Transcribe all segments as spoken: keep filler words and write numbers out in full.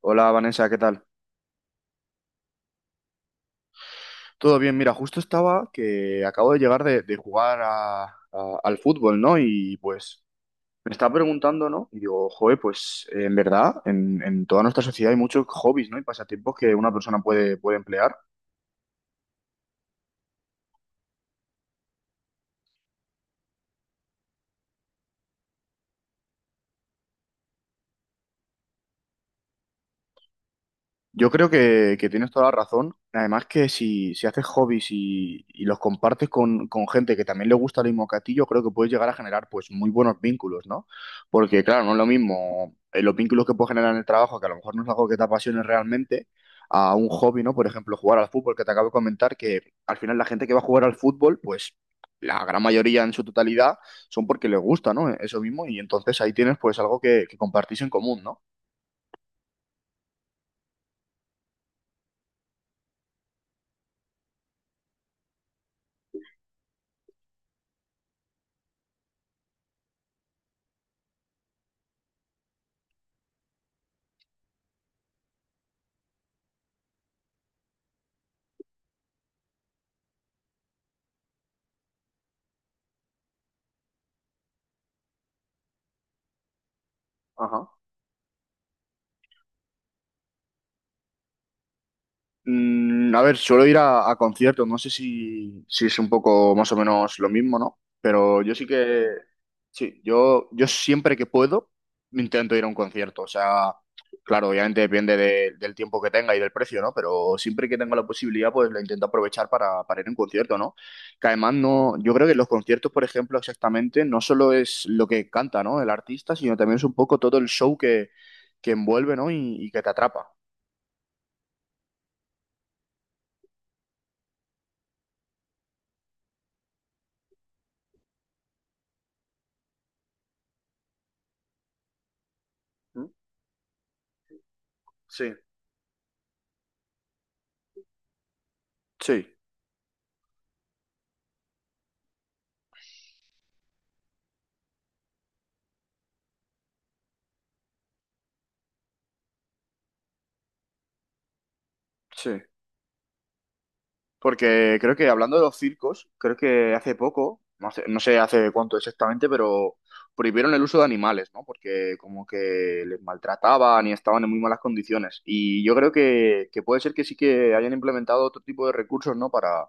Hola Vanessa, ¿qué tal? Todo bien, mira, justo estaba que acabo de llegar de, de jugar a- a- al fútbol, ¿no? Y pues me estaba preguntando, ¿no? Y digo, joder, pues eh, en verdad, en, en toda nuestra sociedad hay muchos hobbies, ¿no? Y pasatiempos que una persona puede, puede emplear. Yo creo que, que tienes toda la razón. Además que si, si haces hobbies y, y los compartes con, con gente que también le gusta lo mismo que a ti, yo creo que puedes llegar a generar pues muy buenos vínculos, ¿no? Porque claro, no es lo mismo eh, los vínculos que puedes generar en el trabajo, que a lo mejor no es algo que te apasione realmente, a un hobby, ¿no? Por ejemplo, jugar al fútbol, que te acabo de comentar, que al final la gente que va a jugar al fútbol, pues la gran mayoría en su totalidad son porque les gusta, ¿no? Eso mismo, y entonces ahí tienes pues algo que, que compartís en común, ¿no? Ajá. Mm, a ver, suelo ir a, a conciertos, no sé si, si es un poco más o menos lo mismo, ¿no? Pero yo sí que, sí, yo, yo siempre que puedo intento ir a un concierto, o sea, claro, obviamente depende de- del tiempo que tenga y del precio, ¿no? Pero siempre que tenga la posibilidad, pues la intento aprovechar para, para ir a un concierto, ¿no? Que además no, yo creo que los conciertos, por ejemplo, exactamente, no solo es lo que canta, ¿no? El artista, sino también es un poco todo el show que, que envuelve, ¿no? Y, y que te atrapa. ¿Mm? Sí, sí. Sí, porque creo que hablando de los circos, creo que hace poco, no sé, no sé hace cuánto exactamente, pero prohibieron el uso de animales, ¿no? Porque como que les maltrataban y estaban en muy malas condiciones. Y yo creo que, que puede ser que sí que hayan implementado otro tipo de recursos, ¿no? Para,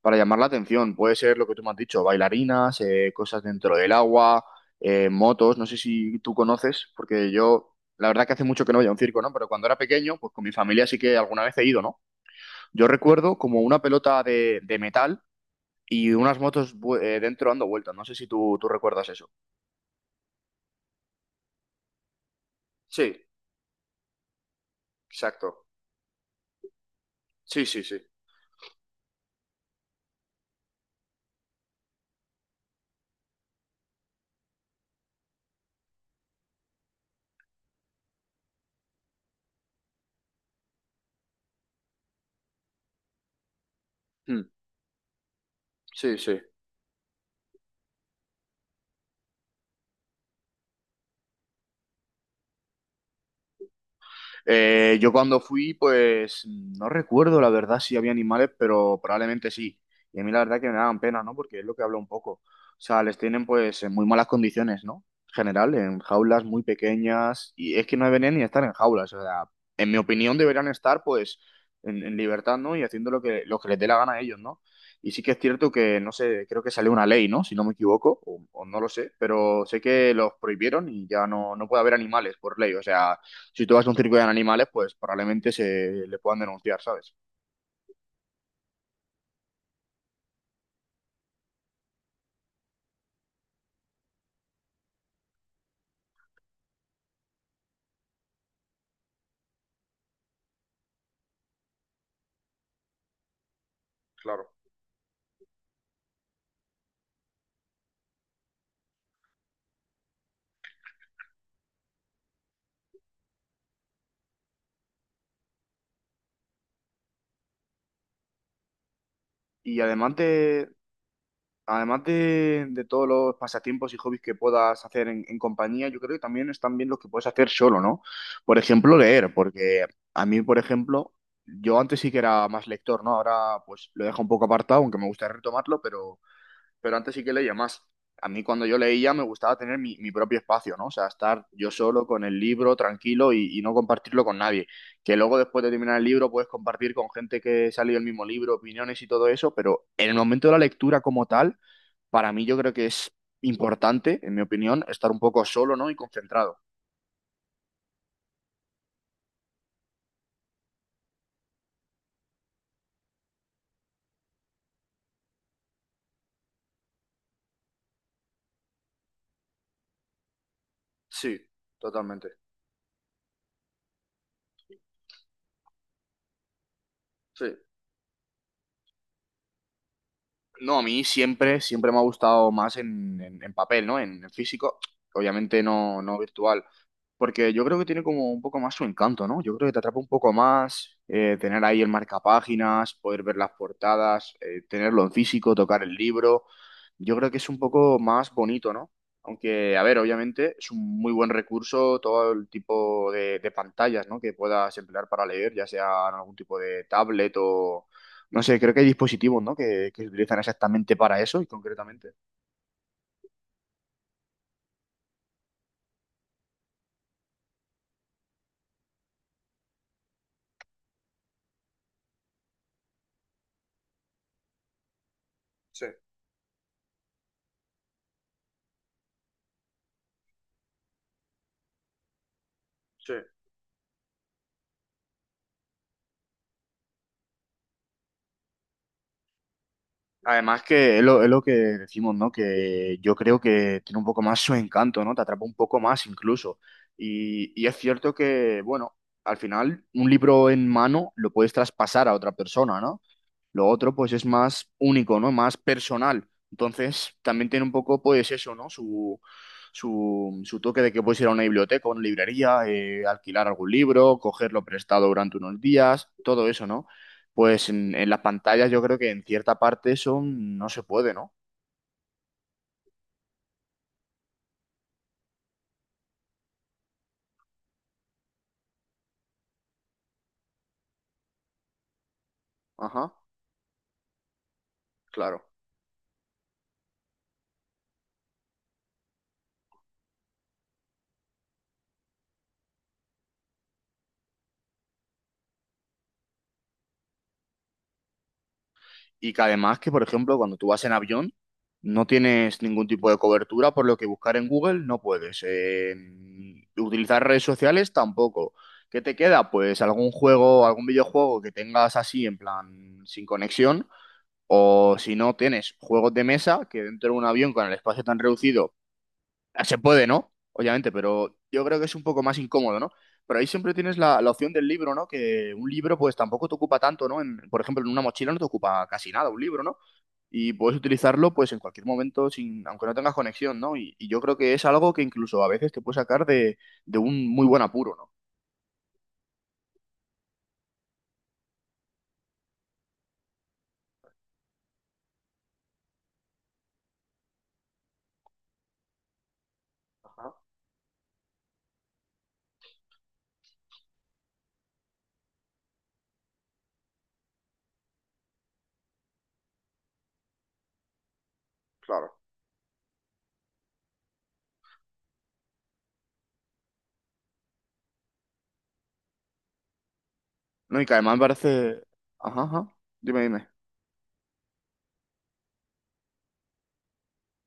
para llamar la atención. Puede ser lo que tú me has dicho, bailarinas, eh, cosas dentro del agua, eh, motos, no sé si tú conoces, porque yo, la verdad que hace mucho que no voy a un circo, ¿no? Pero cuando era pequeño, pues con mi familia sí que alguna vez he ido, ¿no? Yo recuerdo como una pelota de, de metal y unas motos bu- eh, dentro dando vueltas. No sé si tú, tú recuerdas eso. Sí, exacto. Sí, sí, sí. Mm, sí, sí. Eh, yo cuando fui, pues no recuerdo la verdad si había animales, pero probablemente sí. Y a mí la verdad que me daban pena, ¿no? Porque es lo que hablo un poco. O sea, les tienen pues en muy malas condiciones, ¿no? En general, en jaulas muy pequeñas. Y es que no deberían ni estar en jaulas. O sea, en mi opinión deberían estar pues en, en libertad, ¿no? Y haciendo lo que, lo que les dé la gana a ellos, ¿no? Y sí que es cierto que, no sé, creo que salió una ley, ¿no? Si no me equivoco, o, o no lo sé, pero sé que los prohibieron y ya no, no puede haber animales por ley. O sea, si tú vas a un circo de animales, pues probablemente se le puedan denunciar, ¿sabes? Claro. Y además de, además de, de todos los pasatiempos y hobbies que puedas hacer en, en compañía, yo creo que también están bien los que puedes hacer solo, ¿no? Por ejemplo, leer, porque a mí, por ejemplo, yo antes sí que era más lector, ¿no? Ahora pues lo dejo un poco apartado, aunque me gusta retomarlo, pero pero antes sí que leía más. A mí cuando yo leía me gustaba tener mi, mi propio espacio, ¿no? O sea, estar yo solo con el libro, tranquilo y, y no compartirlo con nadie. Que luego después de terminar el libro puedes compartir con gente que se ha leído el mismo libro, opiniones y todo eso, pero en el momento de la lectura como tal, para mí yo creo que es importante, en mi opinión, estar un poco solo, ¿no? Y concentrado. Sí, totalmente. Sí. No, a mí siempre, siempre me ha gustado más en, en- en papel, ¿no? En, en físico, obviamente no, no virtual, porque yo creo que tiene como un poco más su encanto, ¿no? Yo creo que te atrapa un poco más eh, tener ahí el marcapáginas, poder ver las portadas, eh, tenerlo en físico, tocar el libro. Yo creo que es un poco más bonito, ¿no? Aunque, a ver, obviamente es un muy buen recurso todo el tipo de, de pantallas, ¿no? Que puedas emplear para leer, ya sea en algún tipo de tablet no sé, creo que hay dispositivos, ¿no? Que, que se utilizan exactamente para eso y concretamente. Sí, sí. Además que es lo, es lo que decimos, ¿no? Que yo creo que tiene un poco más su encanto, ¿no? Te atrapa un poco más incluso. Y, y es cierto que, bueno, al final un libro en mano lo puedes traspasar a otra persona, ¿no? Lo otro, pues, es más único, ¿no? Más personal. Entonces, también tiene un poco, pues, eso, ¿no? Su, su, su toque de que puedes ir a una biblioteca, una librería, eh, alquilar algún libro, cogerlo prestado durante unos días, todo eso, ¿no? Pues en, en las pantallas yo creo que en cierta parte eso no se puede, ¿no? Ajá, claro. Y que además que, por ejemplo, cuando tú vas en avión, no tienes ningún tipo de cobertura, por lo que buscar en Google no puedes. Eh, utilizar redes sociales tampoco. ¿Qué te queda? Pues algún juego, algún videojuego que tengas así en plan sin conexión. O si no, tienes juegos de mesa que dentro de un avión con el espacio tan reducido. Ah, se puede, ¿no? Obviamente, pero yo creo que es un poco más incómodo, ¿no? Pero ahí siempre tienes la, la opción del libro, ¿no? Que un libro pues tampoco te ocupa tanto, ¿no? En- por ejemplo, en una mochila no te ocupa casi nada un libro, ¿no? Y puedes utilizarlo pues en cualquier momento, sin, aunque no tengas conexión, ¿no? Y, y yo creo que es algo que incluso a veces te puede sacar de, de un muy buen apuro, ¿no? Ajá, claro. ¿No? Y que además parece... Ajá, ajá. Dime, dime.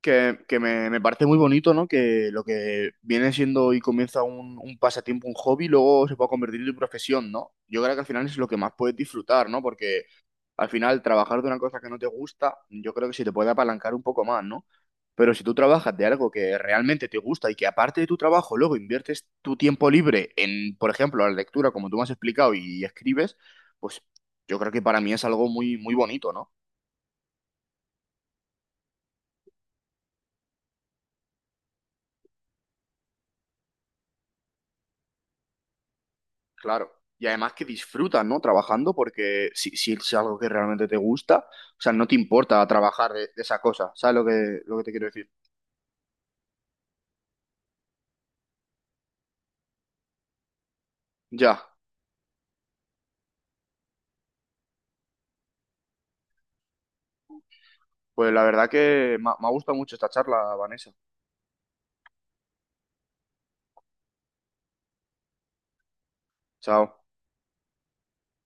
Que, que me, me parece muy bonito, ¿no? Que lo que viene siendo y comienza un, un pasatiempo, un hobby, luego se puede convertir en tu profesión, ¿no? Yo creo que al final es lo que más puedes disfrutar, ¿no? Porque al final trabajar de una cosa que no te gusta, yo creo que se te puede apalancar un poco más, ¿no? Pero si tú trabajas de algo que realmente te gusta y que aparte de tu trabajo luego inviertes tu tiempo libre en, por ejemplo, la lectura, como tú me has explicado, y, escribes, pues yo creo que para mí es algo muy, muy bonito, ¿no? Claro. Y además que disfrutas, ¿no? Trabajando, porque si, si es algo que realmente te gusta, o sea, no te importa trabajar de, de esa cosa. ¿Sabes lo que, lo que te quiero decir? Ya. Pues la verdad que me, ha- me ha gustado mucho esta charla, Vanessa. Chao.